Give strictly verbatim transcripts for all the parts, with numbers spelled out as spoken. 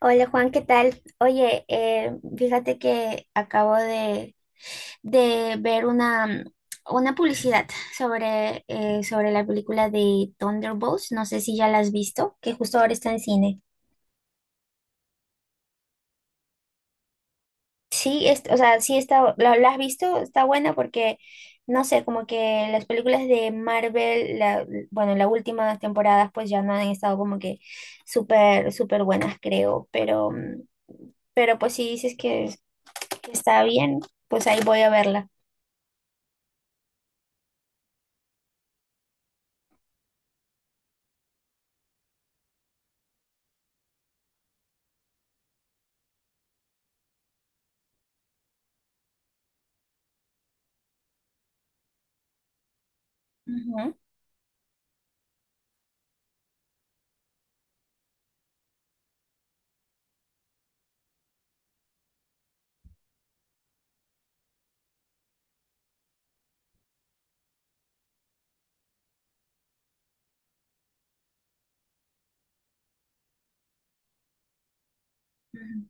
Hola Juan, ¿qué tal? Oye, eh, fíjate que acabo de, de ver una, una publicidad sobre, eh, sobre la película de Thunderbolts. No sé si ya la has visto, que justo ahora está en cine. Sí, es- o sea, sí está, la, la has visto, está buena porque, no sé, como que las películas de Marvel, la, bueno, las últimas temporadas pues ya no han estado como que súper, súper buenas, creo, pero, mm, pero pues sí dices que que está bien, pues ahí voy a verla. Ujú, ujú.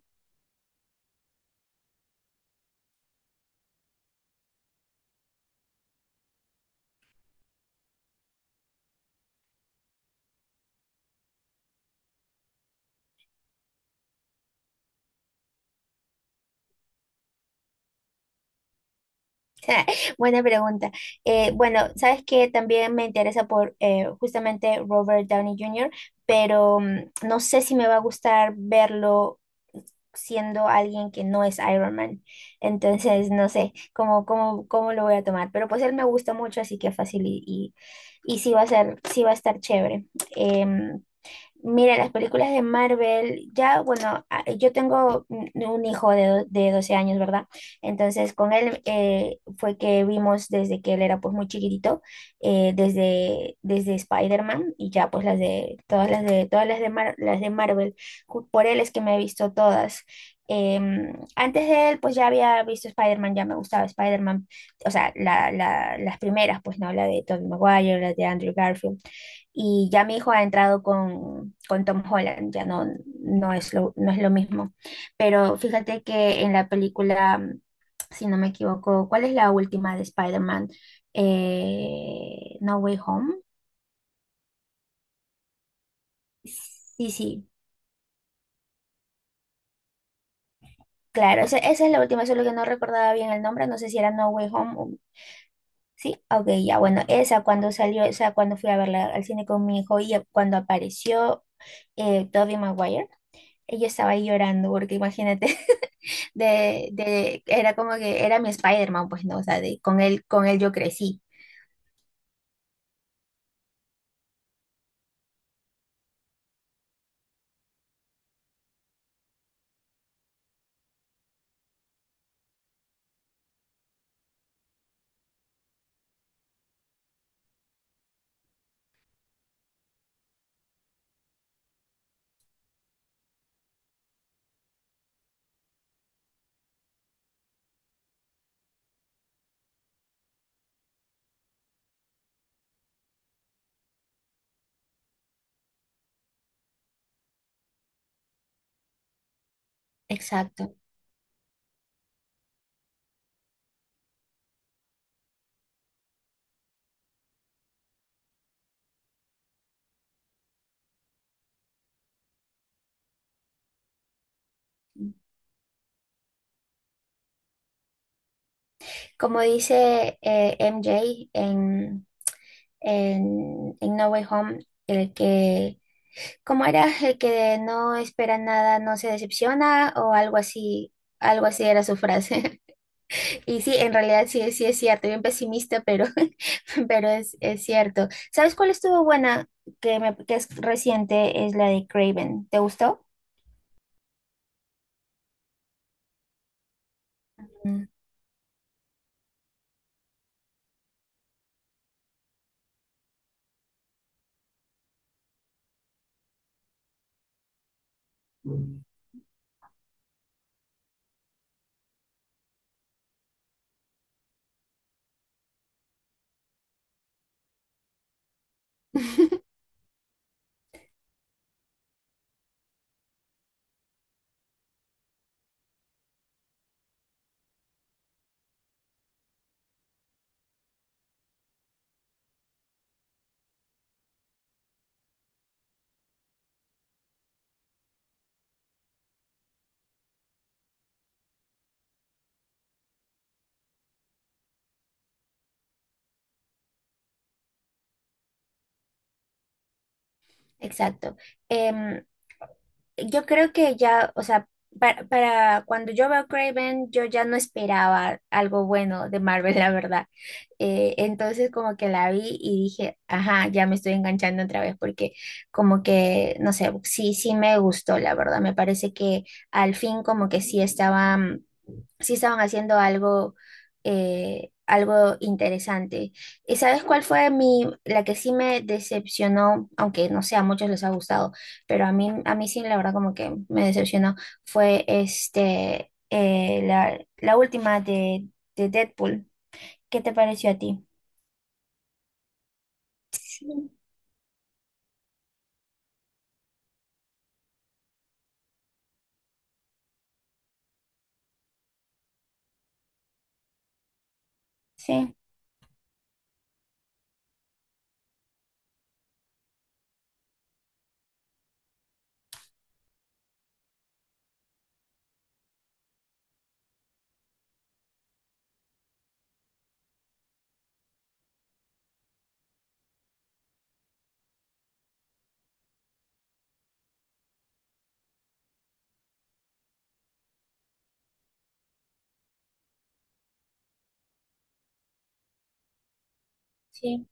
Buena pregunta. Eh, bueno, sabes que también me interesa por eh, justamente Robert Downey Junior, pero mm, no sé si me va a gustar verlo siendo alguien que no es Iron Man. Entonces, no sé cómo, cómo, cómo lo voy a tomar. Pero pues él me gusta mucho, así que fácil y, y, y sí va a ser, sí va a estar chévere. Em, Mira, las películas de Marvel, ya, bueno, a- yo tengo un un hijo de, do- de doce años, ¿verdad? Entonces, con él eh, fue que vimos desde que él era pues muy chiquitito, eh, desde, desde Spider-Man y ya pues las de, todas las de, todas las de, Mar- las de Marvel, Ju- por él es que me he visto todas. Em, antes de él, pues ya había visto Spider-Man, ya me gustaba Spider-Man, o sea, la, la- las primeras, pues no, la de Tobey Maguire, la de Andrew Garfield y ya mi hijo ha entrado con, con Tom Holland, ya no, no es lo, no es lo mismo. Pero fíjate que en la película, mm, si no me equivoco, ¿cuál es la última de Spider-Man? Eh, No Way Home. Sí, sí, claro, esa, esa es la última, solo que no recordaba bien el nombre, no sé si era No Way Home. O- Sí, ok, ya, bueno, esa cuando salió, esa cuando fui a verla al cine con mi hijo y cuando apareció eh, Tobey Maguire, yo estaba ahí llorando, porque imagínate. De, de, era como que era mi Spider-Man, pues no, o sea, de, con él, con él yo crecí. Exacto. Como dice eh, M J en, en, en No Way Home, el que, ¿cómo era? El que no espera nada, no se decepciona o algo así, algo así era su frase. Y sí, en realidad sí, sí es cierto, bien pesimista, pero, pero es, es cierto. ¿Sabes cuál estuvo buena? Que, me, que es reciente, es la de Craven. ¿Te gustó? Exacto. Em, yo creo que ya, o sea, para, para cuando yo veo Craven, yo ya no esperaba algo bueno de Marvel, la verdad. Eh, entonces como que la vi y dije, ajá, ya me estoy enganchando otra vez porque como que, no sé, sí, sí me gustó, la verdad. Me parece que al fin como que sí estaba sí estaban haciendo algo, eh, algo interesante. ¿Y sabes cuál fue mi, la que sí me decepcionó? Aunque no sé, a muchos les ha gustado, pero a mí, a mí sí, la verdad, como que me decepcionó. Fue este, eh, la, la última de, de Deadpool. ¿Qué te pareció a ti? Sí. Sí.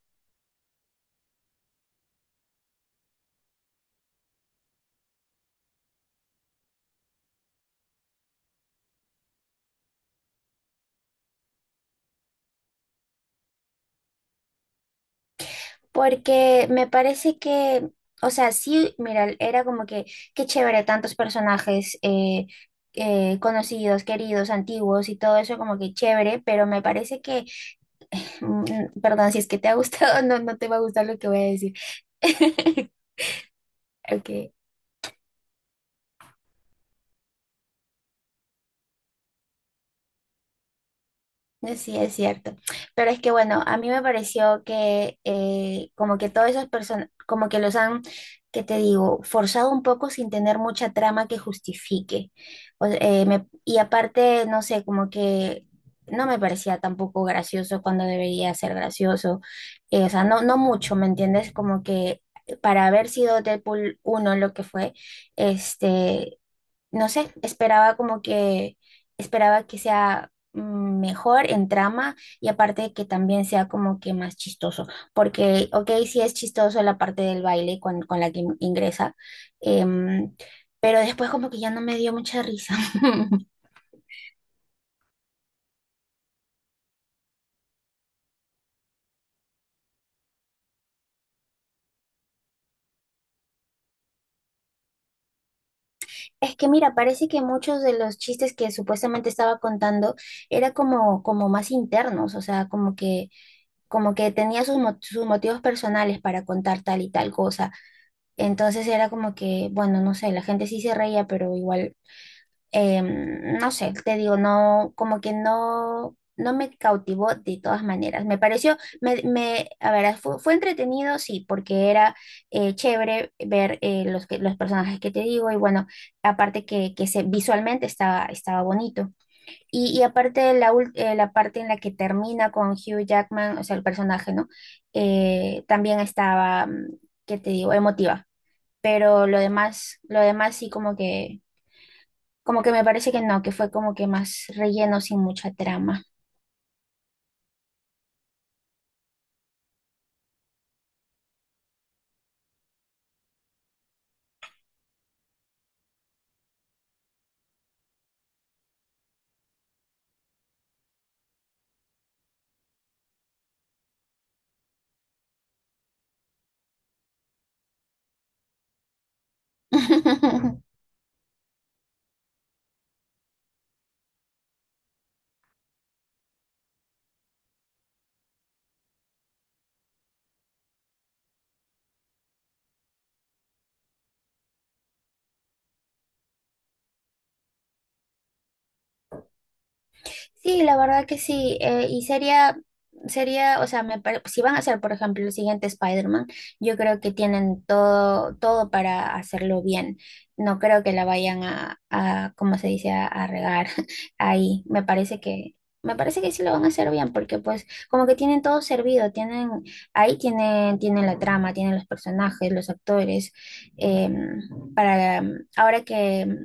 Porque me parece que, o sea, sí, mira, era como que, qué chévere, tantos personajes eh, eh, conocidos, queridos, antiguos y todo eso como que chévere, pero me parece que, mm, perdón, si es que te ha gustado, no, no te va a gustar lo que voy a decir. Ok. Eh, Sí, es cierto. Pero es que bueno, a mí me pareció que eh, como que todas esas personas, como que los han, que te digo, forzado un poco sin tener mucha trama que justifique. O- eh, me- y aparte, no sé, como que no me parecía tampoco gracioso cuando debería ser gracioso. Eh, o sea, no, no mucho, ¿me entiendes? Como que eh, para haber sido Deadpool uno lo que fue, este no sé, esperaba como que, esperaba que sea mm, mejor en trama y aparte que también sea como que más chistoso, porque, ok, sí es chistoso la parte del baile con, con la que in- ingresa, em, pero después como que ya no me dio mucha risa. Es que mira, parece que muchos de los chistes que supuestamente estaba contando era como, como más internos, o sea, como que, como que tenía sus, mo- sus motivos personales para contar tal y tal cosa. Entonces era como que, bueno, no sé, la gente sí se reía, pero igual, em, no sé, te digo, no, como que no, no me cautivó de todas maneras. Me pareció, me, me- a ver, fue, fue entretenido, sí, porque era eh, chévere ver eh, los, que- los personajes que te digo y bueno, aparte que, que se, visualmente estaba, estaba bonito. Y, y aparte la, ul- eh, la parte en la que termina con Hugh Jackman, o sea, el personaje, ¿no? Eh, también estaba, mm, ¿qué te digo? Emotiva, pero lo demás, lo demás sí como que, como que me parece que no, que fue como que más relleno sin mucha trama. Sí, la verdad que sí. Eh, y sería, sería, o sea, me pare- si van a hacer, por ejemplo, el siguiente Spider-Man, yo creo que tienen todo, todo para hacerlo bien. No creo que la vayan a, a ¿cómo se dice?, a, a regar ahí. Me parece que, me parece que sí lo van a hacer bien, porque pues como que tienen todo servido, tienen, ahí tienen, tienen la trama, tienen los personajes, los actores. em, para, em, Ahora que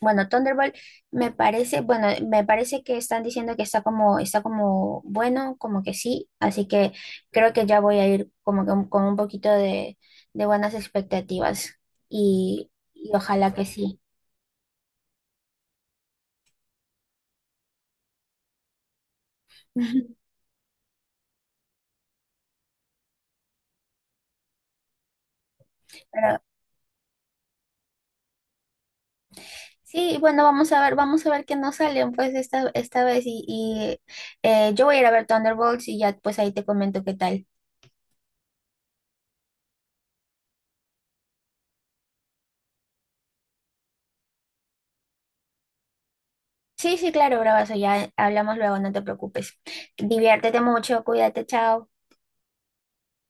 bueno, Thunderbolt me parece, bueno, me parece que están diciendo que está como, está como bueno, como que sí, así que creo que ya voy a ir como que un- con un poquito de, de buenas expectativas y, y ojalá que sí. Pero sí, bueno, vamos a ver, vamos a ver qué nos salen pues esta, esta vez y, y, eh, yo voy a ir a ver Thunderbolts y ya pues ahí te comento qué tal. Sí, sí, claro, bravazo, ya hablamos luego, no te preocupes. Diviértete mucho, cuídate, chao.